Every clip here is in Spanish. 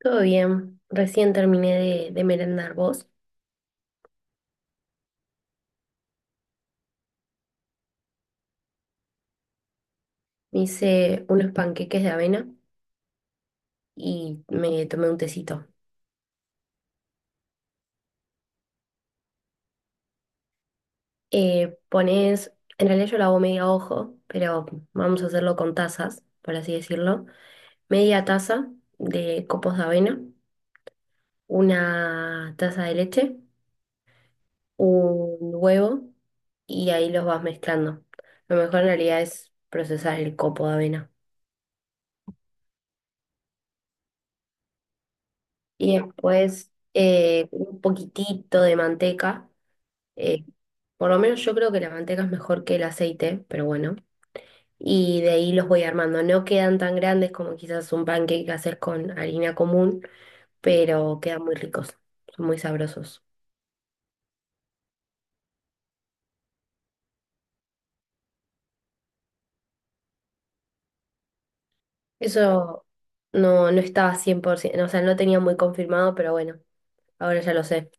Todo bien, recién terminé de merendar vos. Me hice unos panqueques de avena y me tomé un tecito. Eh, pones, en realidad yo lo hago medio ojo, pero vamos a hacerlo con tazas, por así decirlo. Media taza de copos de avena, una taza de leche, un huevo y ahí los vas mezclando. Lo mejor en realidad es procesar el copo de avena. Y después un poquitito de manteca. eh, Por lo menos yo creo que la manteca es mejor que el aceite, pero bueno. Y de ahí los voy armando. No quedan tan grandes como quizás un pancake hacer con harina común, pero quedan muy ricos, son muy sabrosos. Eso no estaba 100%, o sea, no tenía muy confirmado, pero bueno, ahora ya lo sé.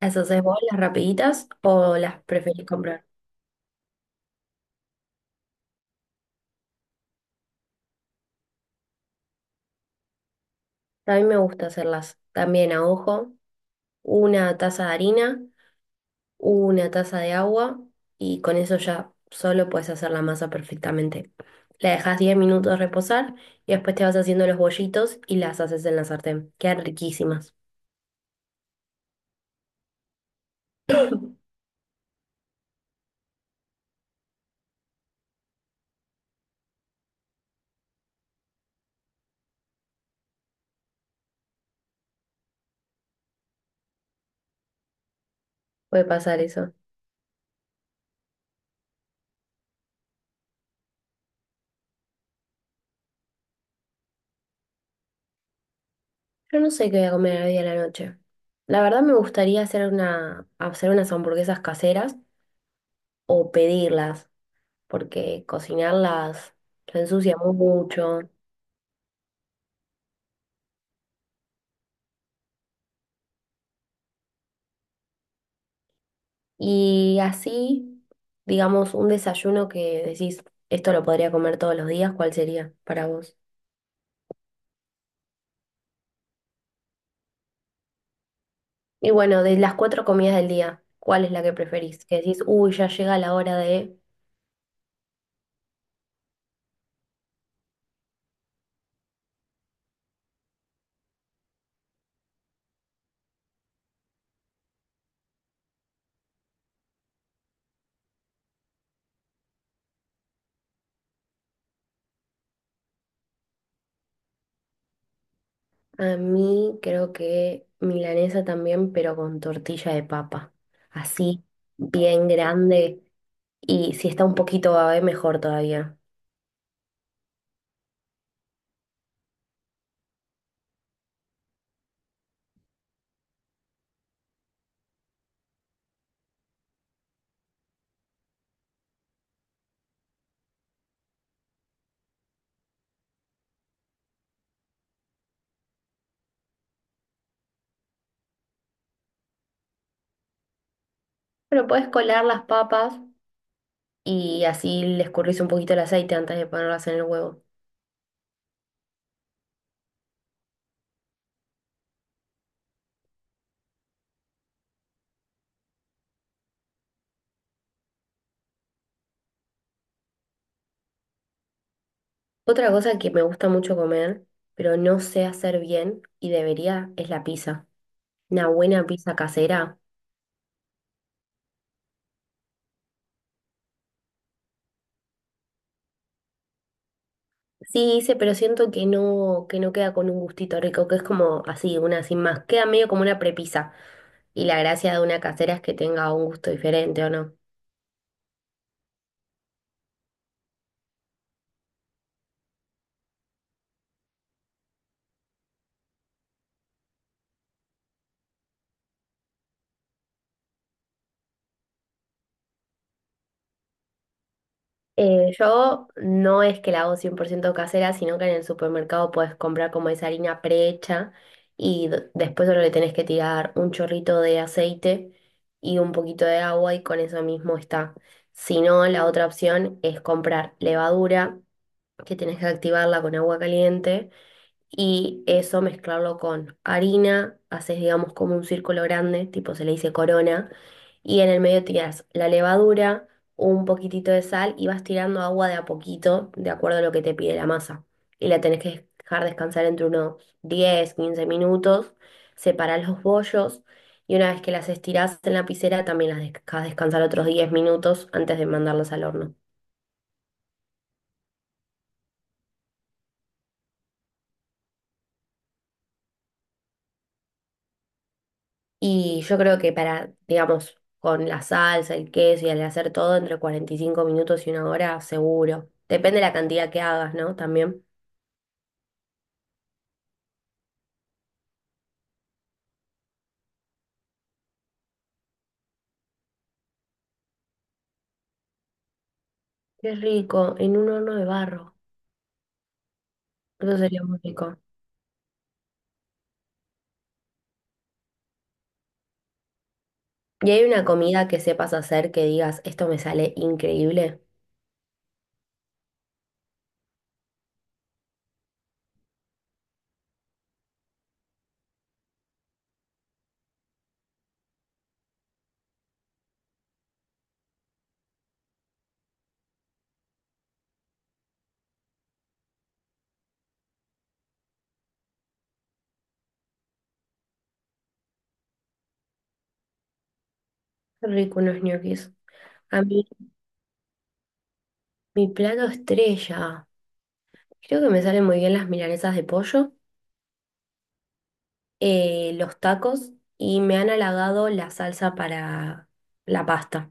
¿Las haces vos las rapiditas o las preferís comprar? A mí me gusta hacerlas también a ojo. Una taza de harina, una taza de agua y con eso ya solo puedes hacer la masa perfectamente. La dejas 10 minutos reposar y después te vas haciendo los bollitos y las haces en la sartén. Quedan riquísimas. Puede pasar eso. Yo no sé qué voy a comer hoy a la noche. La verdad me gustaría hacer unas hamburguesas caseras o pedirlas, porque cocinarlas se ensucia mucho. Y así, digamos, un desayuno que decís, esto lo podría comer todos los días, ¿cuál sería para vos? Y bueno, de las cuatro comidas del día, ¿cuál es la que preferís? Que decís, uy, ya llega la hora de... A mí creo que milanesa también, pero con tortilla de papa. Así, bien grande. Y si está un poquito babe, mejor todavía. Pero podés colar las papas y así le escurrís un poquito el aceite antes de ponerlas en el huevo. Otra cosa que me gusta mucho comer, pero no sé hacer bien y debería, es la pizza. Una buena pizza casera. Sí hice, pero siento que no queda con un gustito rico, que es como así, una sin más. Queda medio como una prepizza. Y la gracia de una casera es que tenga un gusto diferente, ¿o no? Yo no es que la hago 100% casera, sino que en el supermercado puedes comprar como esa harina prehecha y después solo le tenés que tirar un chorrito de aceite y un poquito de agua y con eso mismo está. Si no, la otra opción es comprar levadura, que tenés que activarla con agua caliente y eso mezclarlo con harina, haces digamos como un círculo grande, tipo se le dice corona, y en el medio tiras la levadura, un poquitito de sal y vas tirando agua de a poquito, de acuerdo a lo que te pide la masa. Y la tenés que dejar descansar entre unos 10 15 minutos, separás los bollos y una vez que las estirás en la piscera también las dejas descansar otros 10 minutos antes de mandarlas al horno. Y yo creo que para, digamos, con la salsa, el queso y al hacer todo entre 45 minutos y una hora, seguro. Depende de la cantidad que hagas, ¿no? También. Qué rico, en un horno de barro. Eso sería muy rico. ¿Y hay una comida que sepas hacer que digas, esto me sale increíble? Qué rico unos ñoquis. A mí, mi plato estrella. Creo que me salen muy bien las milanesas de pollo, los tacos y me han halagado la salsa para la pasta.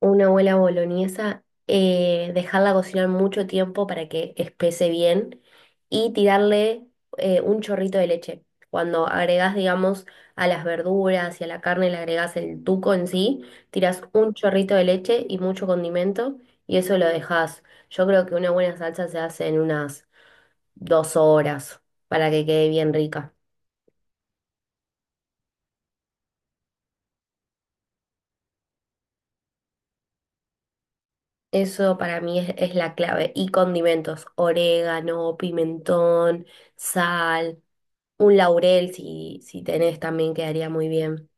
Una abuela boloñesa, dejarla cocinar mucho tiempo para que espese bien y tirarle un chorrito de leche. Cuando agregás, digamos, a las verduras y a la carne, le agregás el tuco en sí, tiras un chorrito de leche y mucho condimento y eso lo dejas. Yo creo que una buena salsa se hace en unas dos horas para que quede bien rica. Eso para mí es la clave. Y condimentos, orégano, pimentón, sal. Un laurel, si tenés también quedaría muy bien.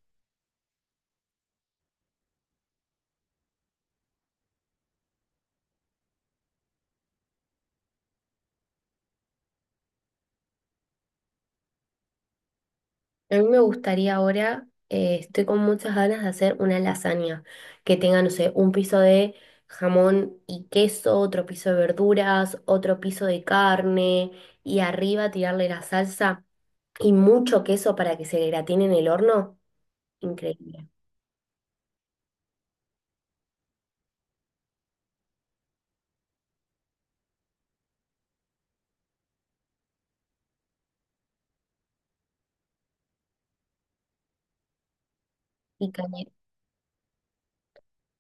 A mí me gustaría ahora, estoy con muchas ganas de hacer una lasaña que tenga, no sé, un piso de jamón y queso, otro piso de verduras, otro piso de carne y arriba tirarle la salsa y mucho queso para que se gratine en el horno. Increíble. Y canela.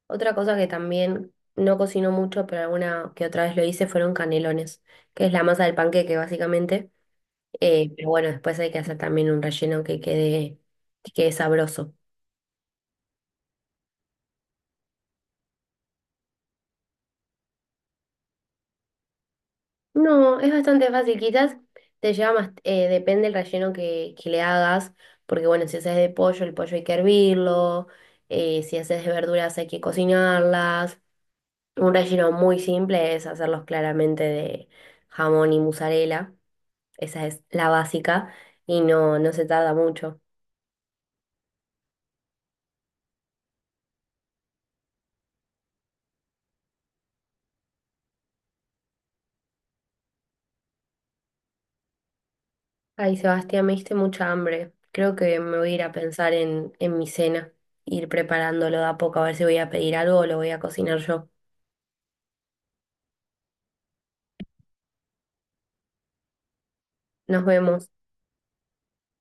Otra cosa que también no cocino mucho, pero alguna que otra vez lo hice, fueron canelones, que es la masa del panqueque básicamente. Pero bueno, después hay que hacer también un relleno que quede sabroso. No, es bastante fácil. Quizás te lleva más, depende del relleno que le hagas, porque bueno, si haces de pollo, el pollo hay que hervirlo, si haces de verduras hay que cocinarlas. Un relleno muy simple es hacerlos claramente de jamón y mozzarella, esa es la básica y no, no se tarda mucho. Ay, Sebastián, me diste mucha hambre. Creo que me voy a ir a pensar en mi cena, ir preparándolo de a poco, a ver si voy a pedir algo o lo voy a cocinar yo. Nos vemos,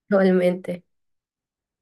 igualmente.